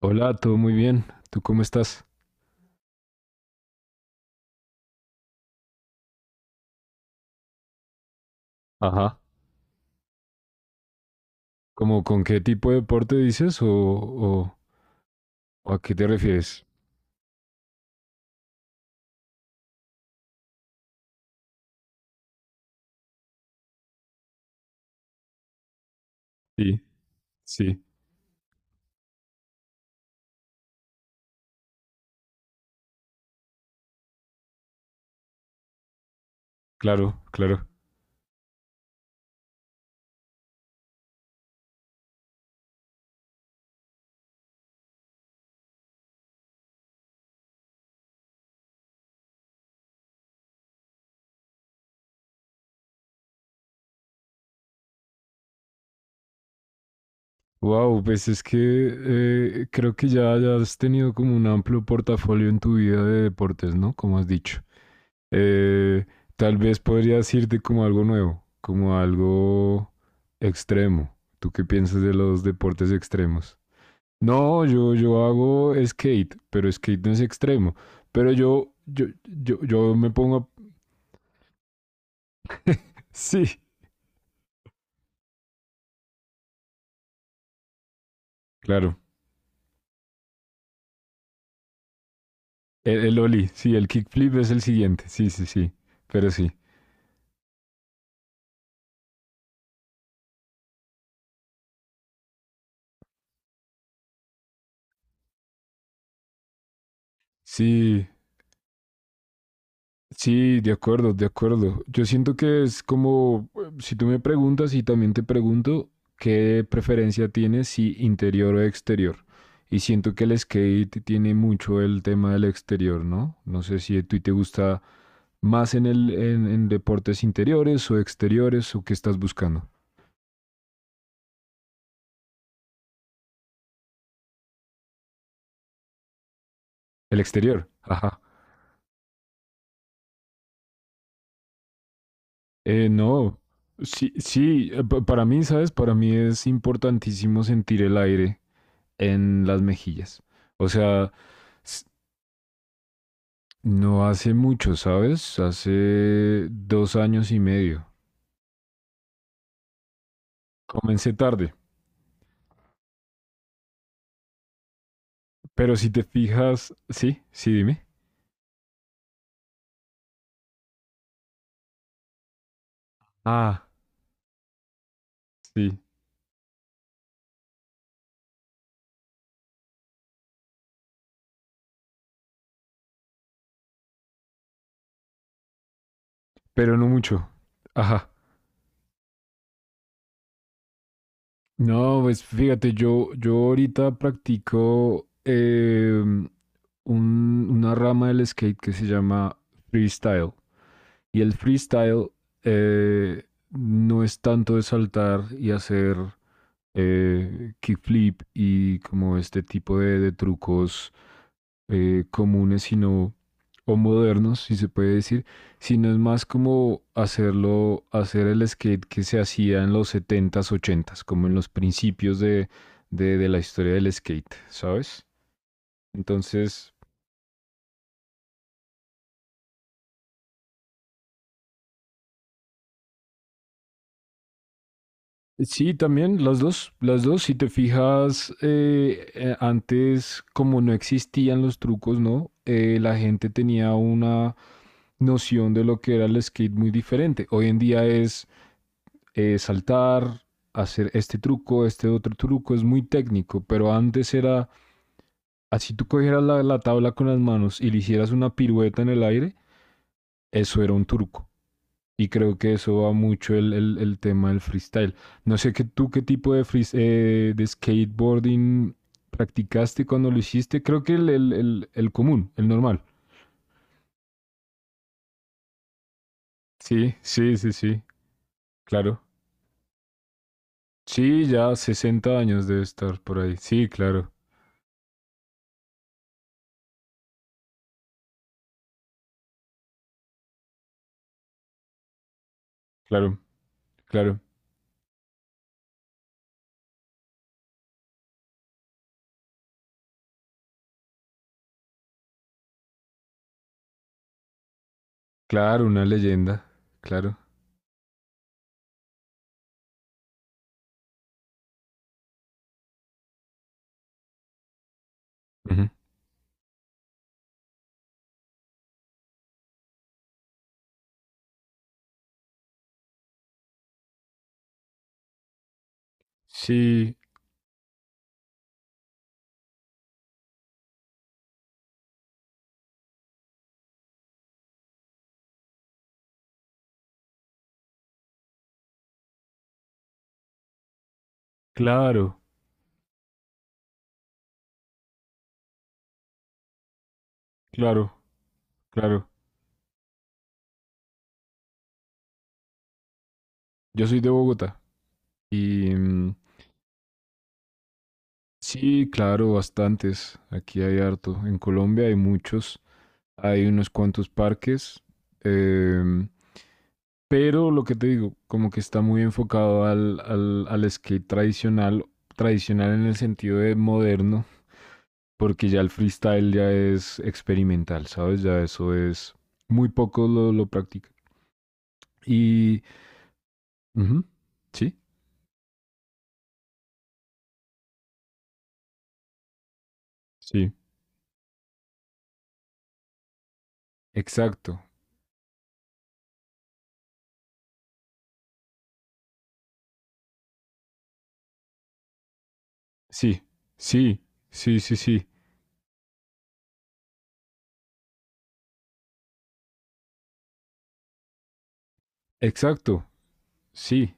Hola, todo muy bien. ¿Tú cómo estás? Ajá. ¿Cómo con qué tipo de deporte dices o a qué te refieres? Sí, sí. Claro, claro. Wow, pues es que creo que ya has tenido como un amplio portafolio en tu vida de deportes, ¿no? Como has dicho. Eh, Tal vez podrías irte como algo nuevo, como algo extremo. ¿Tú qué piensas de los deportes extremos? No, yo hago skate, pero skate no es extremo. Pero yo me pongo. Sí, claro. El ollie, sí, el kickflip es el siguiente. Sí, sí, sí. Pero sí. Sí, sí, de acuerdo, de acuerdo. Yo siento que es como, si tú me preguntas y también te pregunto, ¿qué preferencia tienes si interior o exterior? Y siento que el skate tiene mucho el tema del exterior, ¿no? No sé si a ti te gusta más en deportes interiores o exteriores o qué estás buscando. El exterior, ajá. No, sí, sí, para mí, ¿sabes? Para mí es importantísimo sentir el aire en las mejillas. O sea. No hace mucho, ¿sabes? Hace 2 años y medio. Comencé tarde, pero si te fijas, sí, sí, dime. Ah, sí, pero no mucho. Ajá. No, pues fíjate, yo ahorita practico una rama del skate que se llama freestyle. Y el freestyle eh, no es tanto de saltar y hacer kickflip y como este tipo de trucos comunes, sino, o modernos, si se puede decir, sino es más como hacerlo, hacer el skate que se hacía en los setentas ochentas como en los principios de la historia del skate, ¿sabes? Entonces, sí, también las dos, si te fijas, antes como no existían los trucos, ¿no? La gente tenía una noción de lo que era el skate muy diferente. Hoy en día es saltar, hacer este truco, este otro truco, es muy técnico, pero antes era, así tú cogieras la tabla con las manos y le hicieras una pirueta en el aire, eso era un truco. Y creo que eso va mucho el tema del freestyle. No sé que tú qué tipo de, de skateboarding practicaste cuando lo hiciste. Creo que el común, el normal. Sí, sí, sí, sí, claro. Sí, ya 60 años debe estar por ahí. Sí, claro, claro, claro. Claro, una leyenda. Claro. Ujú. Sí, claro, claro, claro. Yo soy de Bogotá y sí, claro, bastantes. Aquí hay harto. En Colombia hay muchos. Hay unos cuantos parques. em, pero lo que te digo, como que está muy enfocado al skate tradicional, tradicional en el sentido de moderno, porque ya el freestyle ya es experimental, ¿sabes? Ya eso es muy poco lo practican. Y ujú. Sí, sí, exacto. Sí, sí, sí, sí, sí, exacto. Sí,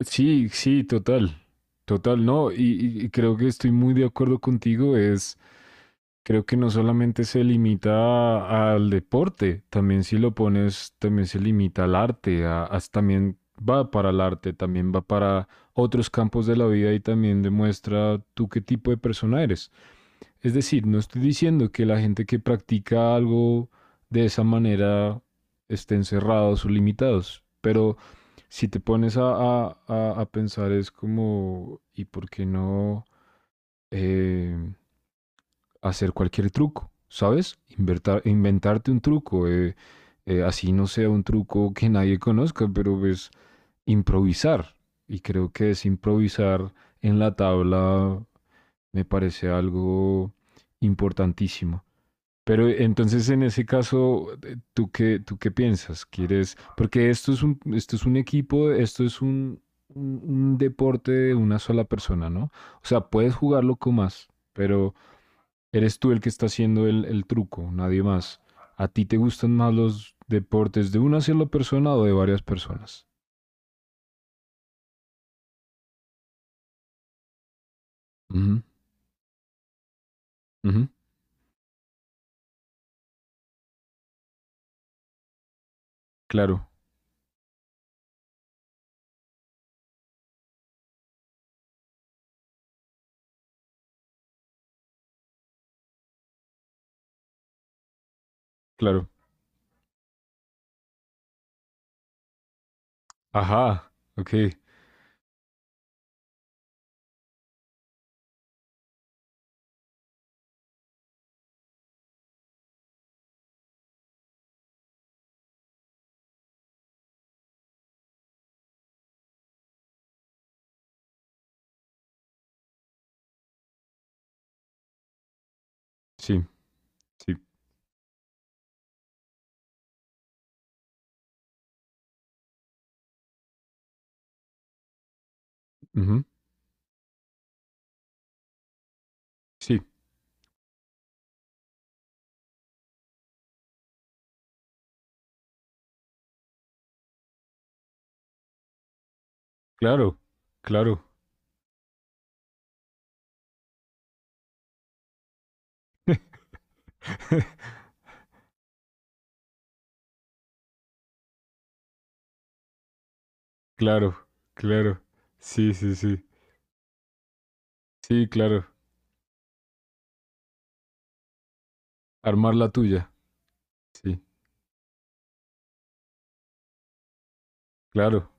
sí, sí, total. Total, no. Y creo que estoy muy de acuerdo contigo. Es, creo que no solamente se limita al deporte, también si lo pones, también se limita al arte. También va para el arte, también va para otros campos de la vida y también demuestra tú qué tipo de persona eres. Es decir, no estoy diciendo que la gente que practica algo de esa manera estén cerrados o limitados, pero si te pones a pensar es como, ¿y por qué no eh, hacer cualquier truco? ¿Sabes? Inventarte un truco, así no sea un truco que nadie conozca, pero es improvisar. Y creo que es improvisar en la tabla me parece algo importantísimo. Pero entonces en ese caso, ¿tú qué piensas? ¿Quieres? Porque esto es un, equipo, esto es un, un deporte de una sola persona, ¿no? O sea, puedes jugarlo con más, pero eres tú el que está haciendo el truco, nadie más. ¿A ti te gustan más los deportes de una sola persona o de varias personas? Ujú, ujú. Claro, claro. Ajá, ok, sí, sí, ujú, sí, claro, claro. Claro, claro. Sí, sí, sí. Sí, claro. Armar la tuya. Sí, claro.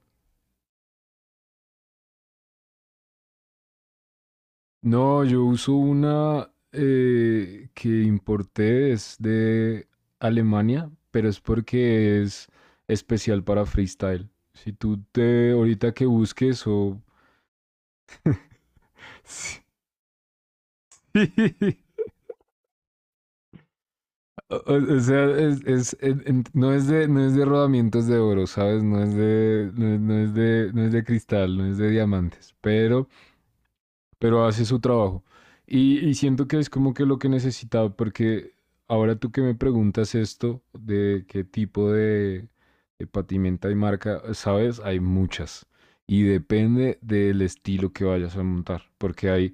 No, yo uso una que importé, es de Alemania, pero es porque es especial para freestyle. Si tú te ahorita que busques o. Sí. O sea, no es de, rodamientos de oro, ¿sabes? No, no es de cristal, no es de diamantes, pero hace su trabajo. Y siento que es como que lo que necesitaba, porque ahora tú que me preguntas esto, de qué tipo de patimenta y marca, sabes, hay muchas. Y depende del estilo que vayas a montar,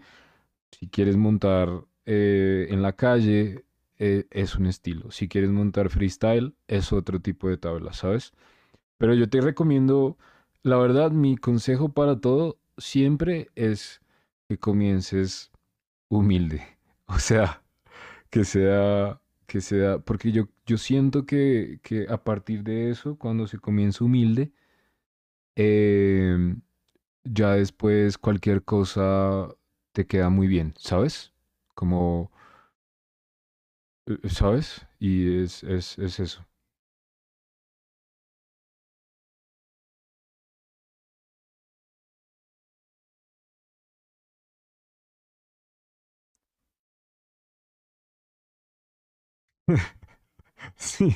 si quieres montar en la calle, es un estilo. Si quieres montar freestyle, es otro tipo de tabla, ¿sabes? Pero yo te recomiendo, la verdad, mi consejo para todo siempre es que comiences humilde. O sea, que sea, que sea, porque yo siento que a partir de eso, cuando se comienza humilde, eh, ya después cualquier cosa te queda muy bien, ¿sabes? Como, ¿sabes? Y es eso. Sí.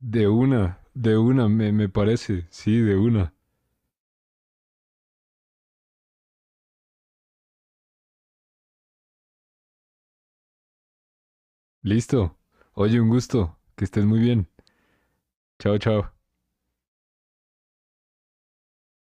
De una, me parece, sí, de una. Listo. Oye, un gusto. Que estés muy bien. Chao, chao.